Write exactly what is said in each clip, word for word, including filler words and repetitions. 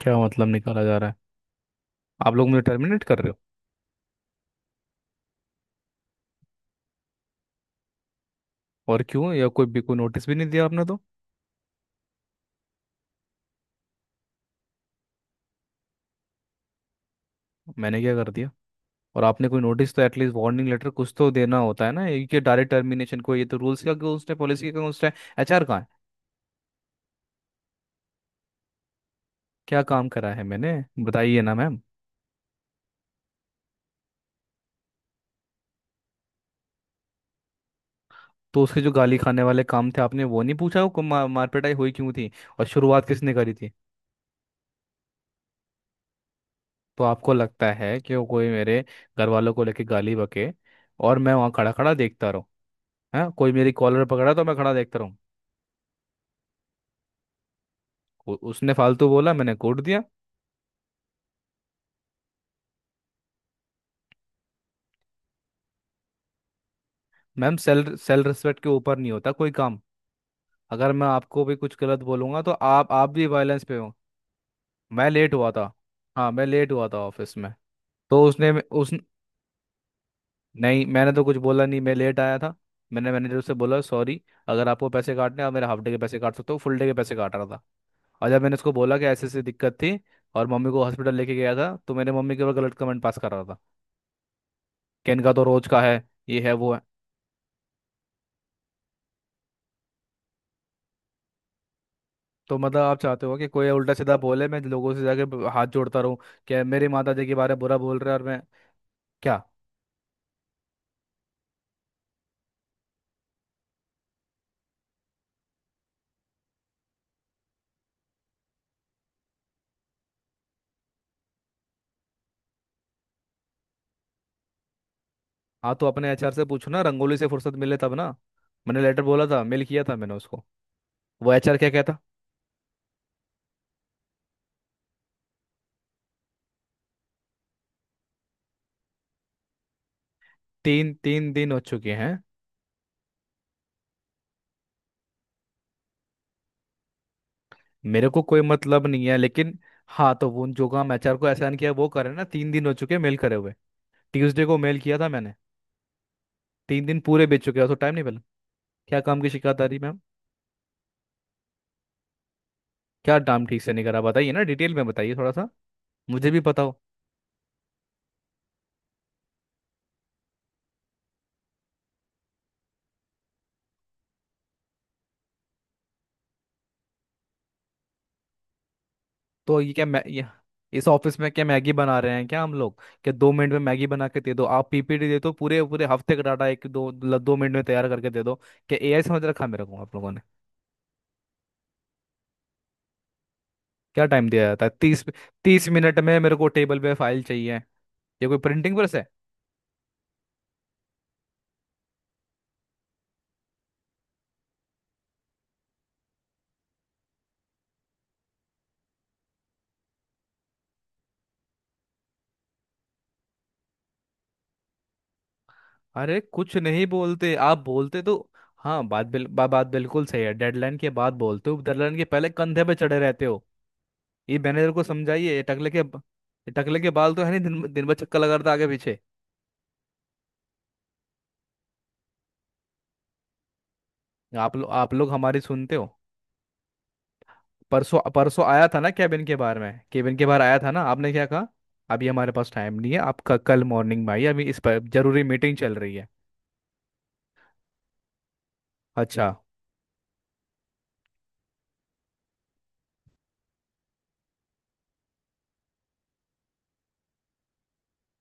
क्या मतलब निकाला जा रहा है? आप लोग मुझे टर्मिनेट कर रहे हो? और क्यों? या कोई भी कोई नोटिस भी नहीं दिया आपने तो। मैंने क्या कर दिया? और आपने कोई नोटिस, तो एटलीस्ट वार्निंग लेटर कुछ तो देना होता है ना, ये कि डायरेक्ट टर्मिनेशन को, ये तो रूल्स का अगेंस्ट है, पॉलिसी का अगेंस्ट है। एच आर कहाँ है? क्या काम करा है मैंने? बताइए ना मैम। तो उसके जो गाली खाने वाले काम थे आपने वो नहीं पूछा। वो मा, मारपिटाई हुई क्यों थी और शुरुआत किसने करी थी? तो आपको लगता है कि वो कोई मेरे घर वालों को लेके गाली बके और मैं वहाँ खड़ा खड़ा देखता रहूँ? है कोई मेरी कॉलर पकड़ा तो मैं खड़ा देखता रहूँ? उ- उसने फालतू बोला, मैंने कोड दिया। मैम, सेल सेल रिस्पेक्ट के ऊपर नहीं होता कोई काम। अगर मैं आपको भी कुछ गलत बोलूंगा तो आप आप भी वायलेंस पे हो। मैं लेट हुआ था। हाँ, मैं लेट हुआ था ऑफिस में। तो उसने उस नहीं, मैंने तो कुछ बोला नहीं, मैं लेट आया था। मैंने मैनेजर से बोला सॉरी। अगर आपको पैसे काटने हैं, आप मेरे हाफ डे के पैसे काट सकते हो, फुल डे के पैसे काट रहा था। और जब मैंने उसको बोला कि ऐसी ऐसी दिक्कत थी और मम्मी को हॉस्पिटल लेके गया था, तो मेरे मम्मी के ऊपर गलत कमेंट पास कर रहा था कि इनका तो रोज का है, ये है वो है। तो मतलब आप चाहते हो कि कोई उल्टा सीधा बोले, मैं लोगों से जाके ब- हाथ जोड़ता रहूं? क्या मेरी माता जी के बारे में बुरा बोल रहे हैं और मैं क्या? हाँ, तो अपने एच आर से पूछो ना, रंगोली से फुर्सत मिले तब ना। मैंने लेटर बोला था, मेल किया था मैंने उसको, वो एच आर क्या कहता। तीन तीन दिन हो चुके हैं। मेरे को कोई मतलब नहीं है, लेकिन हाँ, तो वो जो काम एच आर को असाइन किया वो करे ना, तीन दिन हो चुके हैं मेल करे हुए। ट्यूसडे को मेल किया था मैंने। तीन दिन पूरे बीत चुके हैं, तो टाइम नहीं मिला? क्या काम की शिकायत आ रही मैम? क्या काम ठीक से नहीं करा, बताइए ना, डिटेल में बताइए थोड़ा सा, मुझे भी पता हो। तो ये क्या मैं ये, इस ऑफिस में क्या मैगी बना रहे हैं क्या हम लोग? क्या दो मिनट में मैगी बना के दे दो? आप पी पी टी दे दो, पूरे पूरे हफ्ते का डाटा एक दो ल- दो मिनट में तैयार करके दे दो? क्या ए आई समझ रखा है मेरे को आप लोगों ने? क्या टाइम दिया जाता है? तीस, तीस मिनट में मेरे को टेबल पे फाइल चाहिए। ये कोई प्रिंटिंग प्रेस है? अरे कुछ नहीं बोलते? आप बोलते तो हाँ, बात बिल, बा, बात बिल्कुल सही है। डेडलाइन के बाद बोलते हो, डेडलाइन के पहले कंधे पे चढ़े रहते हो। ये मैनेजर को समझाइए, ये टकले के, ये टकले के बाल तो है नहीं, दिन दिन भर चक्कर लगा रहा था आगे पीछे। आप लोग आप लोग हमारी सुनते हो? परसों परसों आया था ना केबिन के बारे में, केबिन के बाहर आया था ना, आपने क्या कहा? अभी हमारे पास टाइम नहीं है आपका, कल मॉर्निंग में आइए, अभी इस पर जरूरी मीटिंग चल रही है। अच्छा।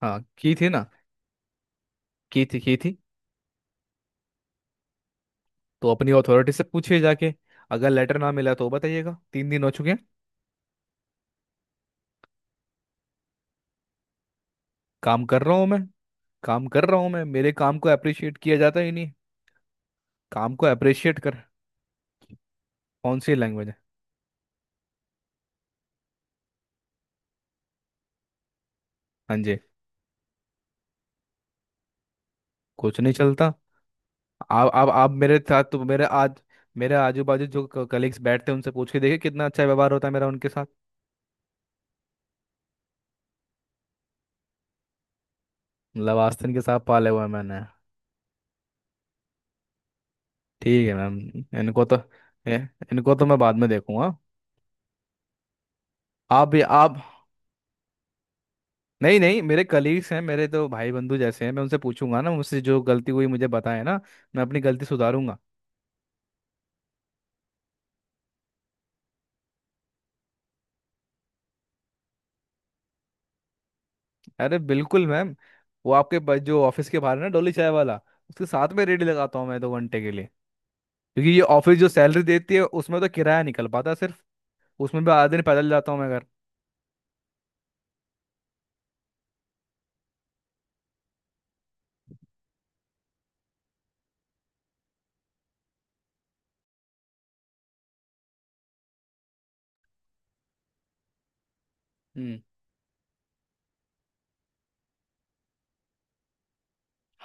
हाँ, की थी ना, की थी की थी। तो अपनी अथॉरिटी से पूछिए जाके, अगर लेटर ना मिला तो बताइएगा, तीन दिन हो चुके हैं। काम कर रहा हूँ मैं। काम कर रहा हूँ मैं, मेरे काम को अप्रिशिएट किया जाता ही नहीं। काम को अप्रिशिएट कर। कौन सी लैंग्वेज है? हाँ जी, कुछ नहीं चलता। आप आप आप मेरे साथ तो, मेरे आज मेरे आजू बाजू जो कलीग्स बैठते हैं उनसे पूछ के देखिए कितना अच्छा व्यवहार होता है मेरा उनके साथ। मतलब आस्तीन के साथ पाले हुए हैं मैंने। ठीक है मैम। इनको तो ए, इनको तो मैं बाद में देखूंगा। आप भी आप नहीं नहीं, मेरे कलीग्स हैं, मेरे तो भाई बंधु जैसे हैं, मैं उनसे पूछूंगा ना, मुझसे जो गलती हुई मुझे बताएं ना, मैं अपनी गलती सुधारूंगा। अरे बिल्कुल मैम, वो आपके ब- जो ऑफिस के बाहर है ना डोली चाय वाला, उसके साथ में रेडी लगाता हूँ मैं दो घंटे के लिए। क्योंकि ये ऑफिस जो सैलरी देती है उसमें तो किराया निकल पाता है सिर्फ, उसमें भी आधे दिन पैदल जाता हूँ मैं घर। हम्म।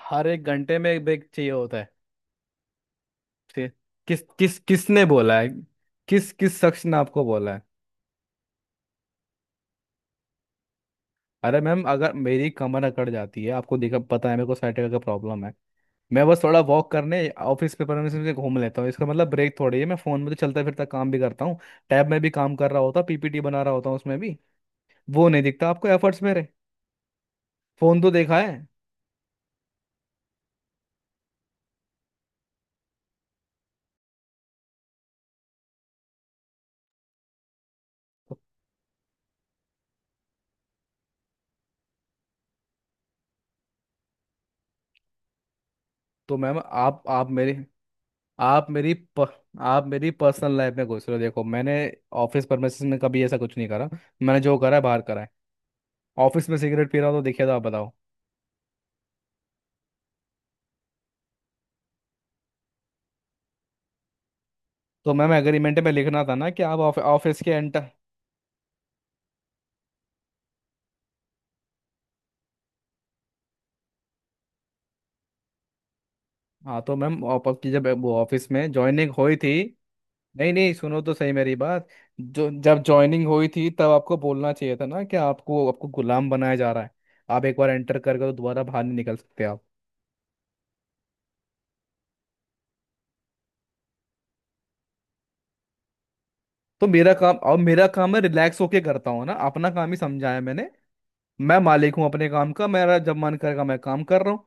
हर एक घंटे में एक ब्रेक चाहिए होता है। ठीक। किस किस किसने बोला है? किस किस शख्स ने आपको बोला है? अरे मैम, अगर मेरी कमर अकड़ जाती है, आपको देखा, पता है मेरे को साइटिका का प्रॉब्लम है, मैं बस थोड़ा वॉक करने ऑफिस पे परमिशन से घूम लेता हूँ, इसका मतलब ब्रेक थोड़ी है। मैं फोन में तो चलता फिरता काम भी करता हूँ, टैब में भी काम कर रहा होता, पी पी टी बना रहा होता हूँ उसमें भी। वो नहीं दिखता आपको एफर्ट्स मेरे। फोन तो देखा है। तो मैम आप आप मेरे, आप मेरी प, आप मेरी पर्सनल लाइफ में घुस रहे हो। देखो, मैंने ऑफिस परमिसेस में कभी ऐसा कुछ नहीं करा। मैंने जो करा है बाहर करा है, ऑफिस में सिगरेट पी रहा हूं तो देखिए, तो आप बताओ। तो मैम एग्रीमेंट में लिखना था ना कि आप ऑफ- ऑफिस के एंटर। हाँ तो मैम ऑफ- आपकी जब वो ऑफिस में ज्वाइनिंग हुई थी। नहीं नहीं, सुनो तो सही मेरी बात, जो जब ज्वाइनिंग हुई थी तब आपको बोलना चाहिए था ना, कि आपको आपको गुलाम बनाया जा रहा है, आप एक बार एंटर करके तो दोबारा बाहर नहीं निकल सकते आप। तो मेरा काम, और मेरा काम मैं रिलैक्स होके करता हूँ ना, अपना काम ही समझाया मैंने। मैं मालिक हूँ अपने काम का, मेरा जब मन करेगा मैं काम कर रहा हूँ।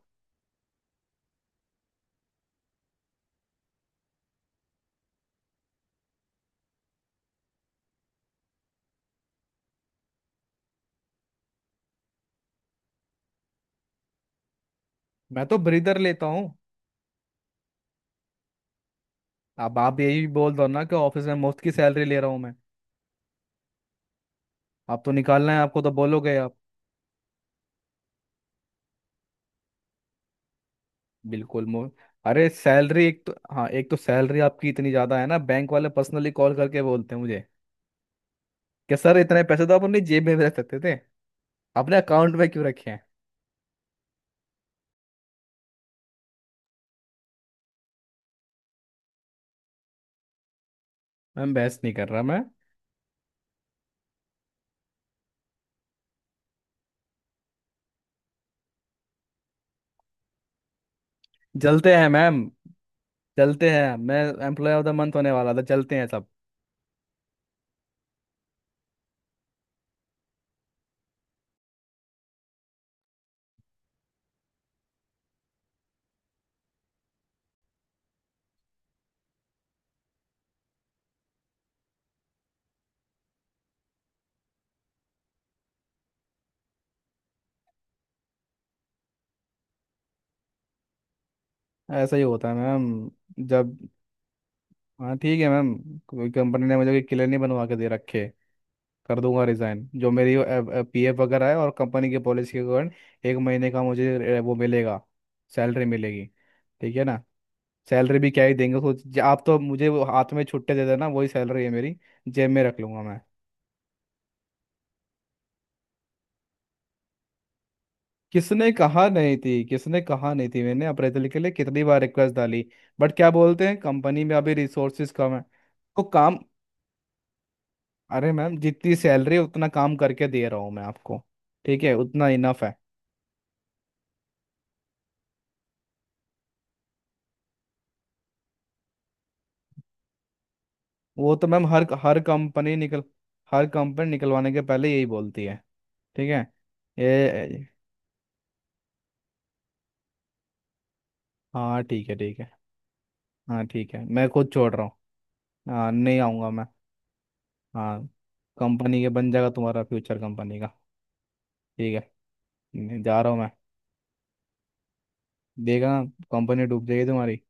मैं तो ब्रीदर लेता हूँ। अब आप यही बोल दो ना कि ऑफिस में मुफ्त की सैलरी ले रहा हूँ मैं। आप तो निकालना है आपको तो बोलोगे आप। बिल्कुल मो अरे सैलरी, एक तो हाँ, एक तो सैलरी आपकी इतनी ज्यादा है ना, बैंक वाले पर्सनली कॉल करके बोलते हैं मुझे कि सर, इतने पैसे तो आप अपनी जेब में भी रख सकते थे, अपने अकाउंट में क्यों रखे हैं? मैम, बहस नहीं कर रहा मैं। जलते हैं मैम, जलते हैं मैं, एम्प्लॉय ऑफ द मंथ होने वाला था, जलते हैं सब। ऐसा ही होता है मैम। जब हाँ ठीक है मैम, कोई कंपनी ने मुझे कोई क्लियर नहीं बनवा के दे रखे, कर दूंगा रिज़ाइन, जो मेरी पी एफ वगैरह है और कंपनी की पॉलिसी के कारण एक महीने का मुझे अ, वो मिलेगा, सैलरी मिलेगी। ठीक है ना। सैलरी भी क्या ही देंगे, खुद ज- आप तो मुझे वो हाथ में छुट्टे दे देना, वही सैलरी है मेरी, जेब में रख लूंगा मैं। किसने कहा नहीं थी, किसने कहा नहीं थी, मैंने अप्रेजल के लिए कितनी बार रिक्वेस्ट डाली, बट क्या बोलते हैं कंपनी में अभी रिसोर्सेज कम है। तो काम अरे मैम, जितनी सैलरी है, उतना काम करके दे रहा हूँ मैं आपको, ठीक है, उतना इनफ है। वो तो मैम हर हर कंपनी निकल हर कंपनी निकलवाने के पहले यही बोलती है, ठीक है। ये हाँ ठीक है ठीक है, हाँ ठीक है, मैं खुद छोड़ रहा हूँ। हाँ, नहीं आऊँगा मैं। हाँ। कंपनी के बन जाएगा, तुम्हारा फ्यूचर कंपनी का। ठीक है। नहीं, जा रहा हूँ मैं। देखा, कंपनी डूब जाएगी तुम्हारी।